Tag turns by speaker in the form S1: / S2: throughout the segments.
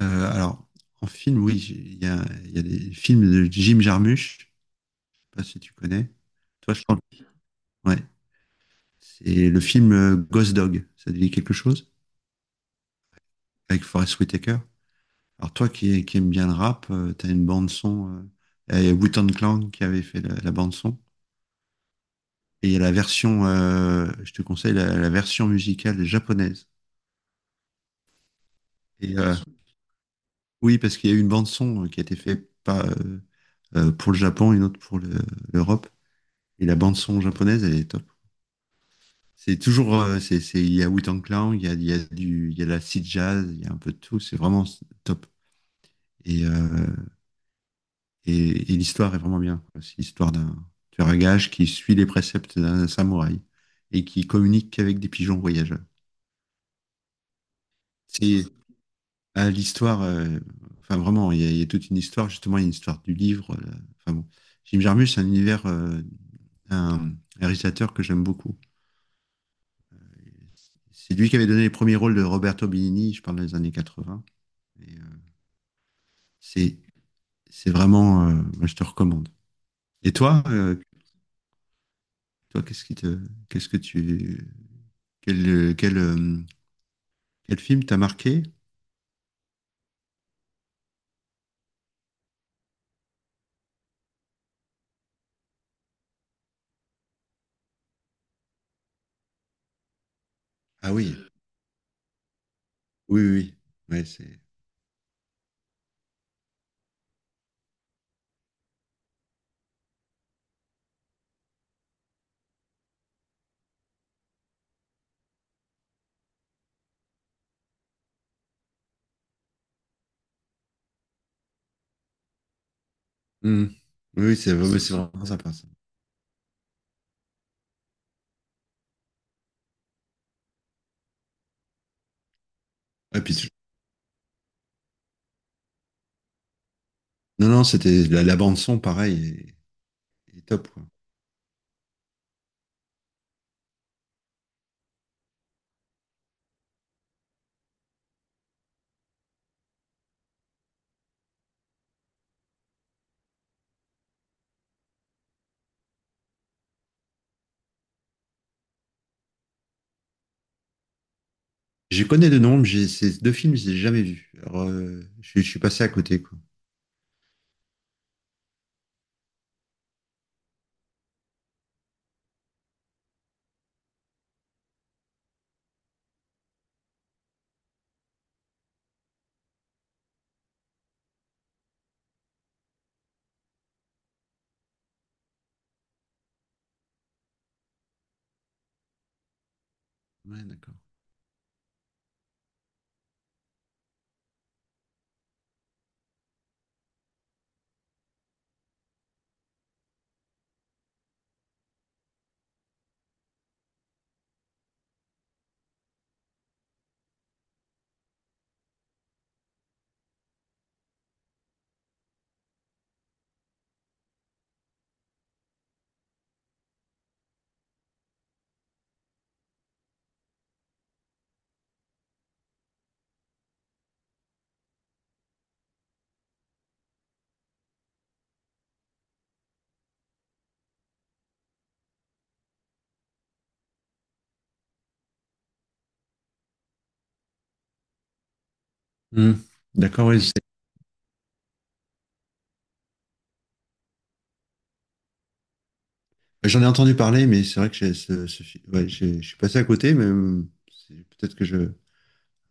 S1: Euh, alors, En film, oui, il y a des films de Jim Jarmusch, je sais pas si tu connais. Toi, je pense. Ouais. C'est le film Ghost Dog, ça te dit quelque chose? Avec Forest Whitaker. Alors toi qui aimes bien le rap, t'as une bande son. Il y a Wu-Tang Clan qui avait fait la bande son. Et il y a la version, je te conseille la version musicale japonaise. Et oui, parce qu'il y a eu une bande son qui a été faite pas pour le Japon, une autre pour l'Europe. Et la bande son japonaise, elle est top. C'est toujours, c'est- Il y a Wu-Tang Clan, il y a de la seed jazz, il y a un peu de tout. C'est vraiment top. Et, euh, et l'histoire est vraiment bien. C'est l'histoire d'un tueur à gages qui suit les préceptes d'un samouraï et qui communique qu'avec des pigeons voyageurs. C'est ah, l'histoire, euh, enfin vraiment, il y a toute une histoire. Justement, il y a une histoire du livre. Enfin bon, Jim Jarmusch, c'est un univers, un réalisateur que j'aime beaucoup. C'est lui qui avait donné les premiers rôles de Roberto Benigni, je parle des années 80. Et, euh, c'est Moi, je te recommande. Et toi, qu'est-ce qui te, qu'est-ce que tu, quel, euh, quel, euh, quel film t'a marqué? Ah oui, oui, oui, oui. ouais, c'est, Hmm. Oui, oui, ouais, c'est vraiment sympa. Ça. Ouais, non, non, c'était la bande son, pareil, est top quoi. Je connais de nom, mais j'ai ces deux films, je les ai jamais vus. Alors, je suis passé à côté quoi. Ouais, d'accord. Hmm. D'accord, oui. J'en ai entendu parler, mais c'est vrai que j'ai je suis passé à côté, mais c'est- peut-être que je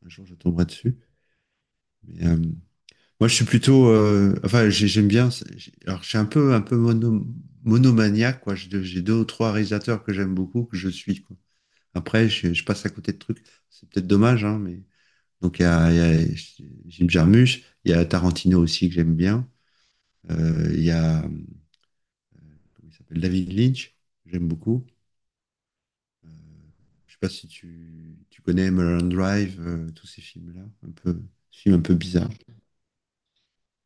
S1: Un jour, je tomberai dessus. Mais, moi, je suis j'aime bien. Alors, je suis un peu monomaniaque, quoi. J'ai deux ou trois réalisateurs que j'aime beaucoup, que je suis, quoi. Après, je passe à côté de trucs. C'est peut-être dommage, hein, mais. Donc, il y a Jim Jarmusch, il y a Tarantino aussi que j'aime bien. Il y a. Comment il s'appelle? David Lynch, que j'aime beaucoup. Euh, je sais pas si tu connais Mulholland Drive, tous ces films-là. Films un peu bizarres.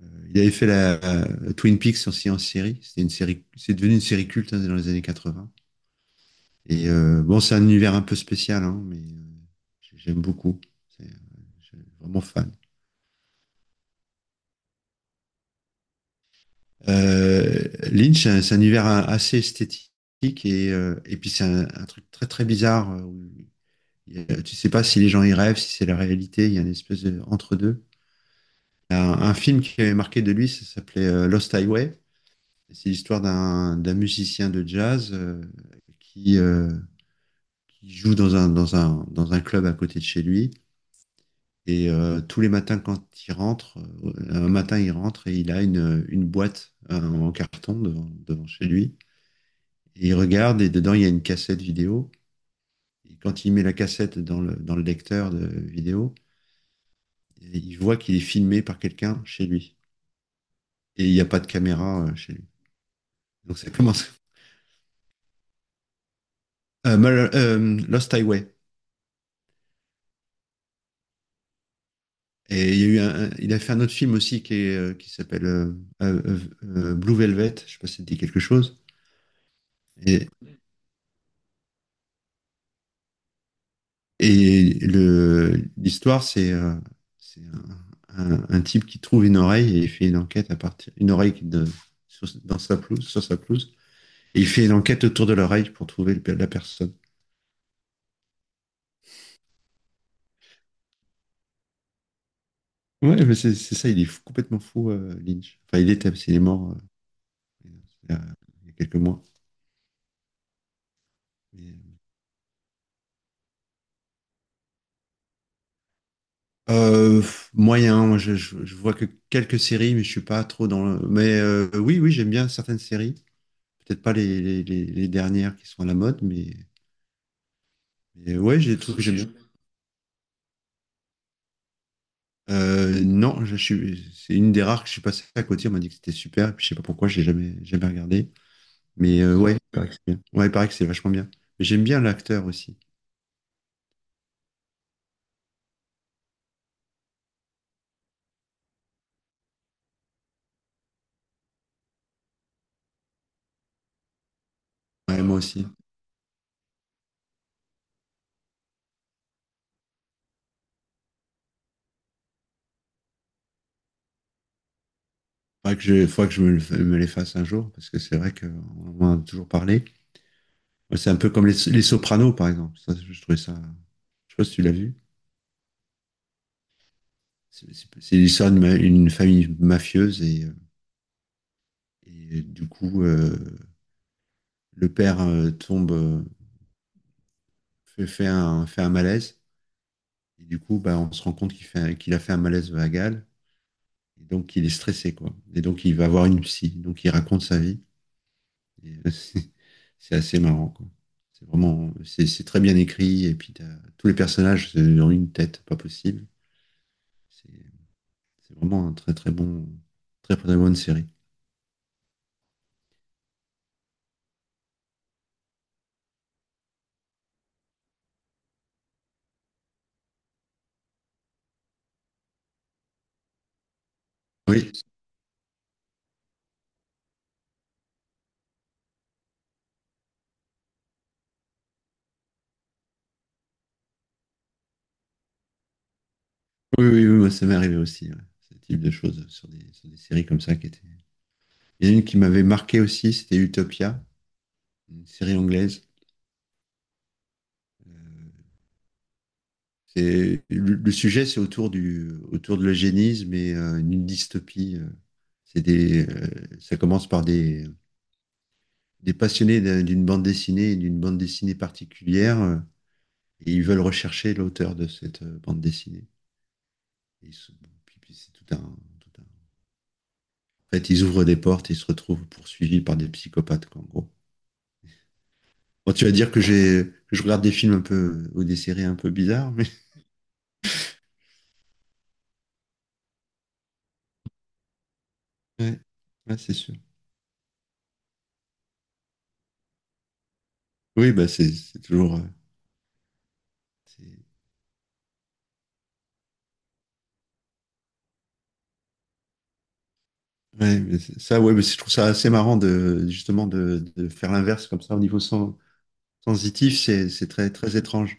S1: Euh, Il avait fait la Twin Peaks aussi en série. C'était une série, c'est devenu une série culte hein, dans les années 80. Et bon, c'est un univers un peu spécial, hein, mais j'aime beaucoup. C'est, euh, je suis vraiment fan. Euh, Lynch, c'est un univers assez esthétique et et puis c'est un truc très très bizarre. Où il y a- Tu sais pas si les gens y rêvent, si c'est la réalité. Il y a une espèce de entre deux. Un, un film qui avait marqué de lui, ça s'appelait Lost Highway. C'est l'histoire d'un musicien de jazz qui, euh, qui joue dans un club à côté de chez lui. Et tous les matins, quand il rentre, Un matin, il rentre et il a une boîte en carton devant chez lui. Et il regarde et dedans, il y a une cassette vidéo. Et quand il met la cassette dans le lecteur de vidéo, il voit qu'il est filmé par quelqu'un chez lui. Et il n'y a pas de caméra chez lui. Donc ça commence. Lost Highway. Il a fait un autre film aussi qui s'appelle Blue Velvet. Je sais pas si ça te dit quelque chose. Et, L'histoire, c'est un type qui trouve une oreille et il fait une enquête à partir une oreille qui de, sur, dans sa pelouse, sur sa pelouse. Et il fait une enquête autour de l'oreille pour trouver la personne. Ouais, mais c'est ça. Il est complètement fou, Lynch. Enfin, il était, parce qu'il est mort il y a il y a quelques mois. Euh, Moyen, moi je vois que quelques séries, mais je suis pas trop dans le... Mais oui, oui, j'aime bien certaines séries. Peut-être pas les dernières qui sont à la mode, mais ouais, j'ai des trucs que j'aime bien. Non, c'est une des rares que je suis passé à côté. On m'a dit que c'était super, et puis je sais pas pourquoi, j'ai jamais, jamais regardé. Mais ouais, il paraît que c'est bien. Ouais, il paraît que c'est vachement bien. Mais j'aime bien l'acteur aussi. Ouais, moi aussi. Faudrait que je me les fasse un jour, parce que c'est vrai qu'on en a toujours parlé. Ouais, c'est un peu comme les Sopranos, par exemple. Ça, je trouvais ça. Je sais pas si tu l'as vu. C'est l'histoire une famille mafieuse et du coup, le père tombe, fait un malaise. Et du coup, bah, on se rend compte qu'il a fait un malaise vagal. Et donc, il est stressé, quoi. Et donc, il va voir une psy. Donc, il raconte sa vie. Et, c'est assez marrant, quoi. C'est vraiment, c'est très bien écrit. Et puis, tous les personnages ont une tête, pas possible. C'est C'est vraiment un très très bon, très très bonne série. Oui, oui, oui, oui, moi, ça m'est arrivé aussi, ouais. Ce type de choses sur sur des séries comme ça qui étaient. Il y en a une qui m'avait marqué aussi, c'était Utopia, une série anglaise. Euh, le sujet, c'est autour de l'eugénisme et une dystopie. C'est des, euh, Ça commence par des passionnés d'une bande dessinée et d'une bande dessinée particulière, et ils veulent rechercher l'auteur de cette bande dessinée. Et ils se- bon, puis- puis c'est tout un En fait, ils ouvrent des portes et ils se retrouvent poursuivis par des psychopathes, quoi, en gros. Bon, tu vas dire que je regarde des films ou des séries un peu bizarres, mais ouais, ouais, c'est sûr. Oui, bah, c'est toujours, c'est- ouais, mais c'est- ça, ouais, mais c'est- je trouve ça assez marrant de, justement, de faire l'inverse comme ça au niveau sensitif, c'est très, très étrange.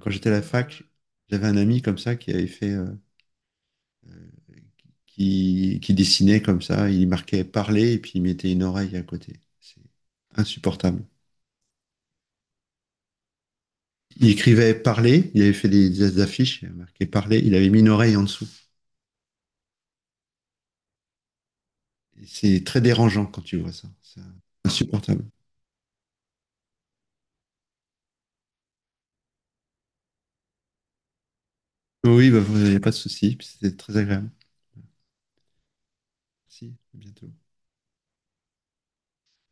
S1: Quand j'étais à la fac, j'avais un ami comme ça qui avait fait, qui dessinait comme ça, il marquait parler et puis il mettait une oreille à côté. C'est insupportable. Il écrivait parler, il avait fait des affiches, il avait marqué parler, il avait mis une oreille en dessous. Et c'est très dérangeant quand tu vois ça. C'est insupportable. Oui, il bah, vous a pas de souci, puis c'était très agréable. Merci. À bientôt.